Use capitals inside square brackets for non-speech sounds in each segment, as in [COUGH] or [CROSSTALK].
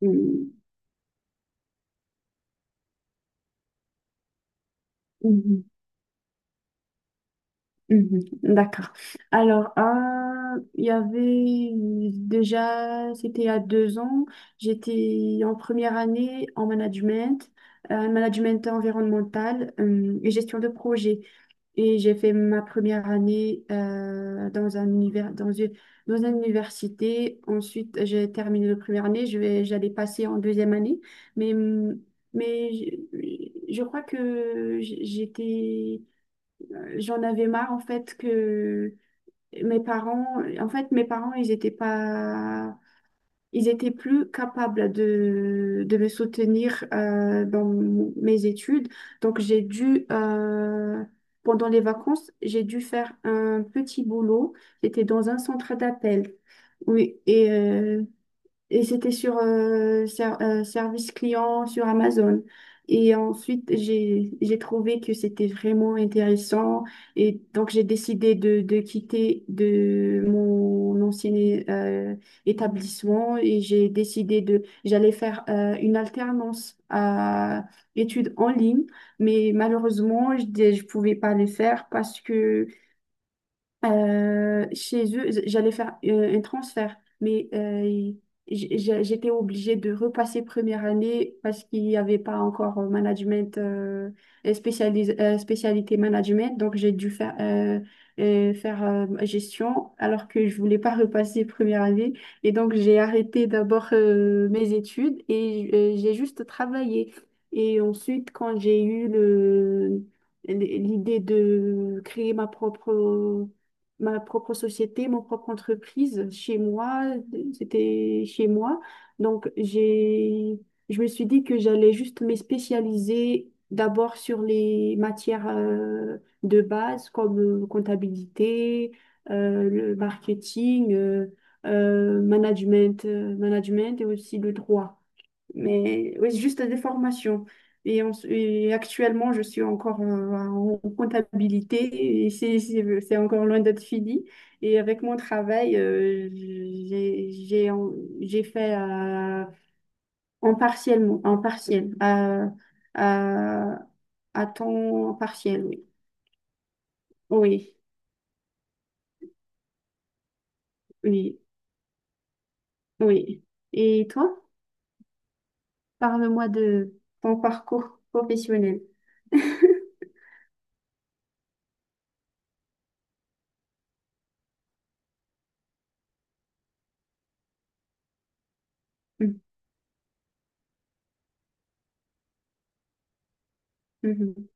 Mhm, mhm, mhm. D'accord. Alors, il y avait déjà, c'était il y a deux ans, j'étais en première année en management, management environnemental et gestion de projet. Et j'ai fait ma première année dans un univers, dans une université. Ensuite, j'ai terminé la première année, j'allais passer en deuxième année. Mais, hum, mais je crois que j'étais. J'en avais marre en fait que mes parents, en fait mes parents ils étaient pas, ils étaient plus capables de me soutenir dans mes études. Donc j'ai dû, pendant les vacances, j'ai dû faire un petit boulot. J'étais dans un centre d'appel. Oui, et c'était sur service client sur Amazon. Et ensuite, j'ai trouvé que c'était vraiment intéressant. Et donc, j'ai décidé de quitter de mon ancien euh, établissement et j'ai décidé de, j'allais faire une alternance à études en ligne. Mais malheureusement, je ne pouvais pas les faire parce que chez eux, j'allais faire un transfert, mais j'étais obligée de repasser première année parce qu'il n'y avait pas encore management, spécialité management, donc j'ai dû faire, faire gestion alors que je voulais pas repasser première année. Et donc j'ai arrêté d'abord mes études et j'ai juste travaillé. Et ensuite, quand j'ai eu le l'idée de créer ma propre société, mon propre entreprise chez moi, c'était chez moi. Donc, je me suis dit que j'allais juste me spécialiser d'abord sur les matières de base comme comptabilité, le marketing, management, management et aussi le droit. Mais oui, c'est juste des formations. Et, et actuellement, je suis encore en comptabilité et c'est encore loin d'être fini. Et avec mon travail, j'ai fait en partiel, en partiel, à, à temps partiel, oui. Oui, oui, oui. Et toi, parle-moi de ton parcours professionnel. Mhm, mhm,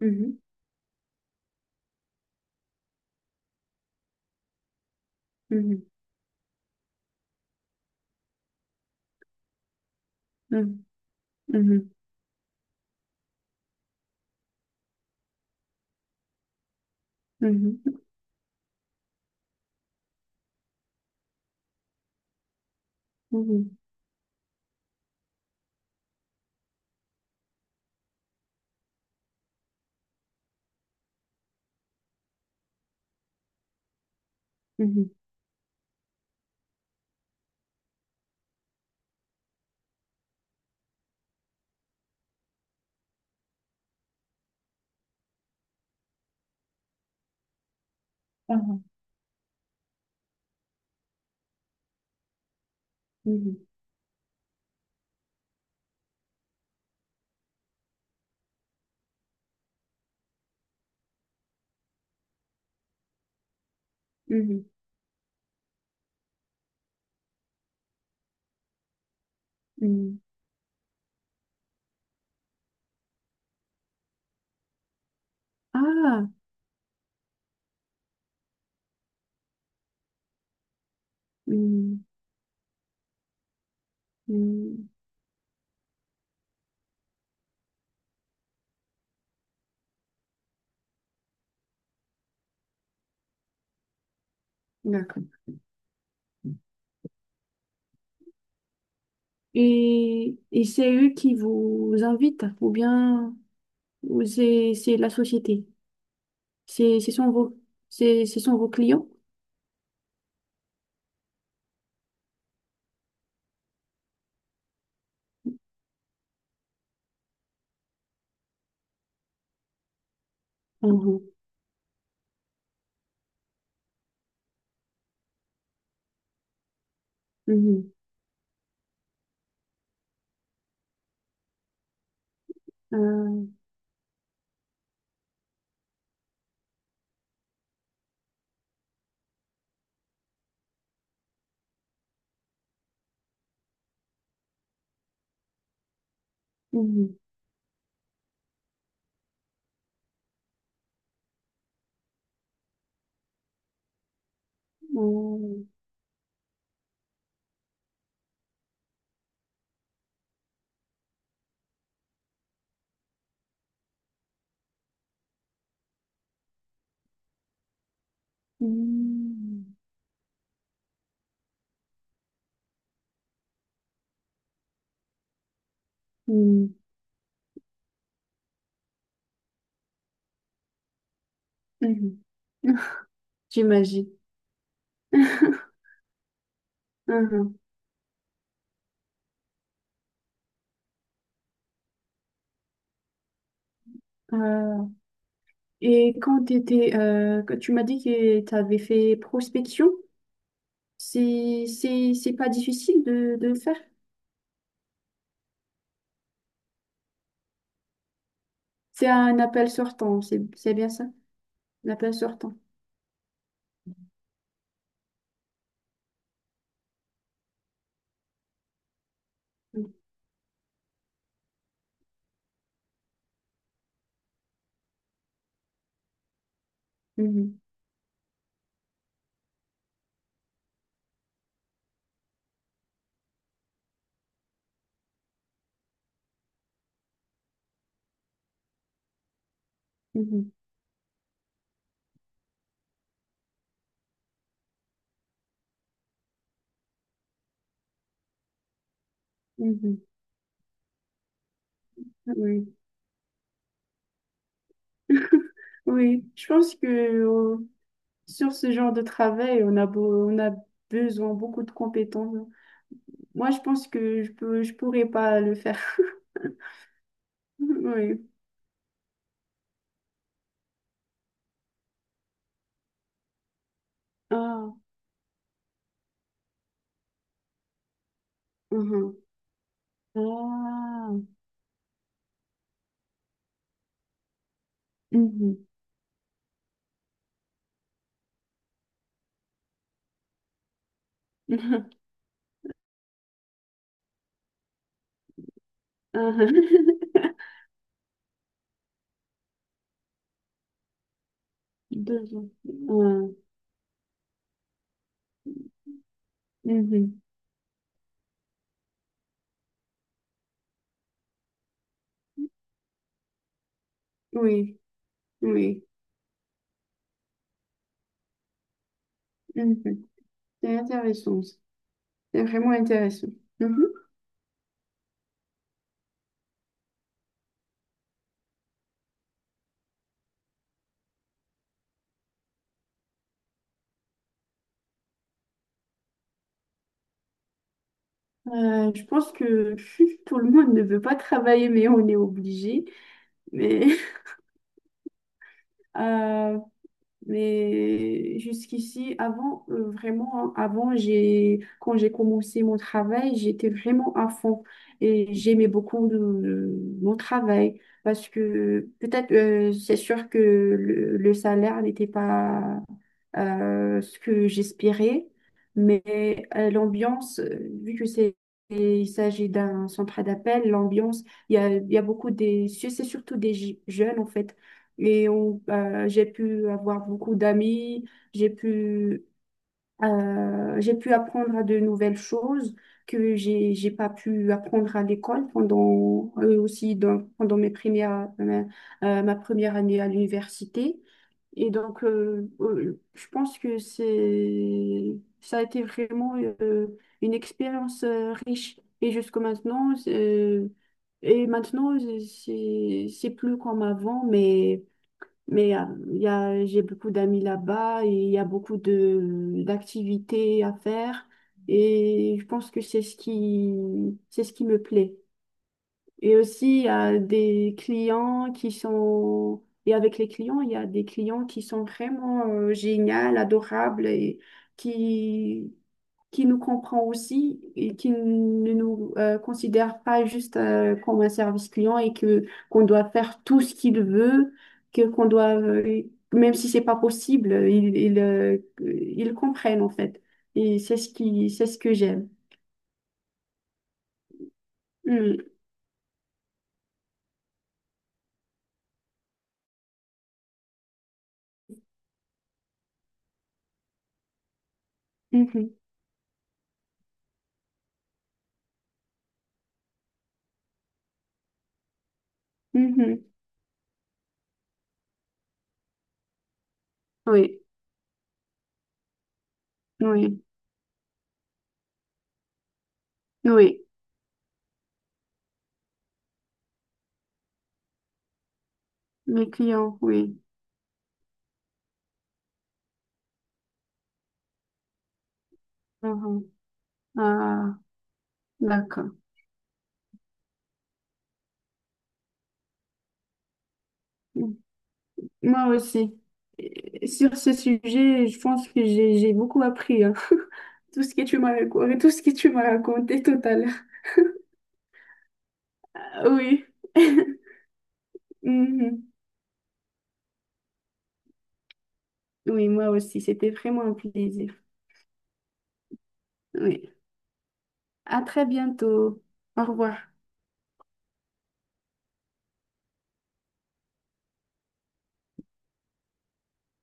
mhm, mhm, mhm, mhm. mhm. Mhm, mhm, Mhm. mhm, mhm, mhm. Ah, mhm, mhm. D'accord. Et c'est eux qui vous invitent ou bien ou c'est la société, c'est ce sont vos c'est ce sont vos clients. Mhm, mhm, euh, mhm, euh, mhm, mhm. [LAUGHS] J'imagine. Mhm. Euh, et quand tu étais, tu m'as dit que tu avais fait prospection. C'est pas difficile de le faire. C'est un appel sortant, c'est bien ça, un appel sortant. Mhm, mhm, mhm. Oui. [LAUGHS] Oui, je pense que sur ce genre de travail, on a besoin beaucoup de compétences. Moi, je pense que je pourrais pas le faire. [LAUGHS] Oui. Ah, mhm. Ah, mhm. [LAUGHS] Ah. [LAUGHS] Deux ans. Ah, mhm. Oui, oui. Mhm. C'est intéressant. Ça. C'est vraiment intéressant. Mhm. Je pense que [LAUGHS] tout le monde ne veut pas travailler, mais on est obligé. Mais [LAUGHS] euh, mais jusqu'ici, avant, vraiment, hein, avant, quand j'ai commencé mon travail, j'étais vraiment à fond et j'aimais beaucoup mon travail parce que peut-être, c'est sûr que le salaire n'était pas ce que j'espérais, mais l'ambiance, vu que c'est, et il s'agit d'un centre d'appel, l'ambiance, il y a beaucoup des, c'est surtout des jeunes en fait. Et j'ai pu avoir beaucoup d'amis, j'ai pu, j'ai pu apprendre à de nouvelles choses que j'ai pas pu apprendre à l'école pendant, aussi pendant ma première année à l'université. Et donc, je pense que c'est, ça a été vraiment euh, une expérience riche. Et jusqu'à maintenant, et maintenant, c'est plus comme avant, mais il y a, j'ai beaucoup d'amis là-bas et il y a beaucoup d'activités à faire. Et je pense que c'est ce qui me plaît. Et aussi, il y a des clients qui sont. Et avec les clients, il y a des clients qui sont vraiment géniaux, adorables et qui, qui nous comprend aussi et qui ne nous considère pas juste comme un service client et que qu'on doit faire tout ce qu'il veut, que qu'on doit même si c'est pas possible, ils comprennent en fait. Et c'est ce que j'aime. Mm. Mhm. Mhm. Oui, oui, oui. Mes clients, oui. Mhm. Ah, d'accord. Moi aussi. Et sur ce sujet, je pense que j'ai beaucoup appris, hein. [LAUGHS] Tout ce que tu m'as raconté tout à l'heure. Oui. [LAUGHS] Mhm. Oui, moi aussi. C'était vraiment un plaisir. Oui. À très bientôt. Au revoir.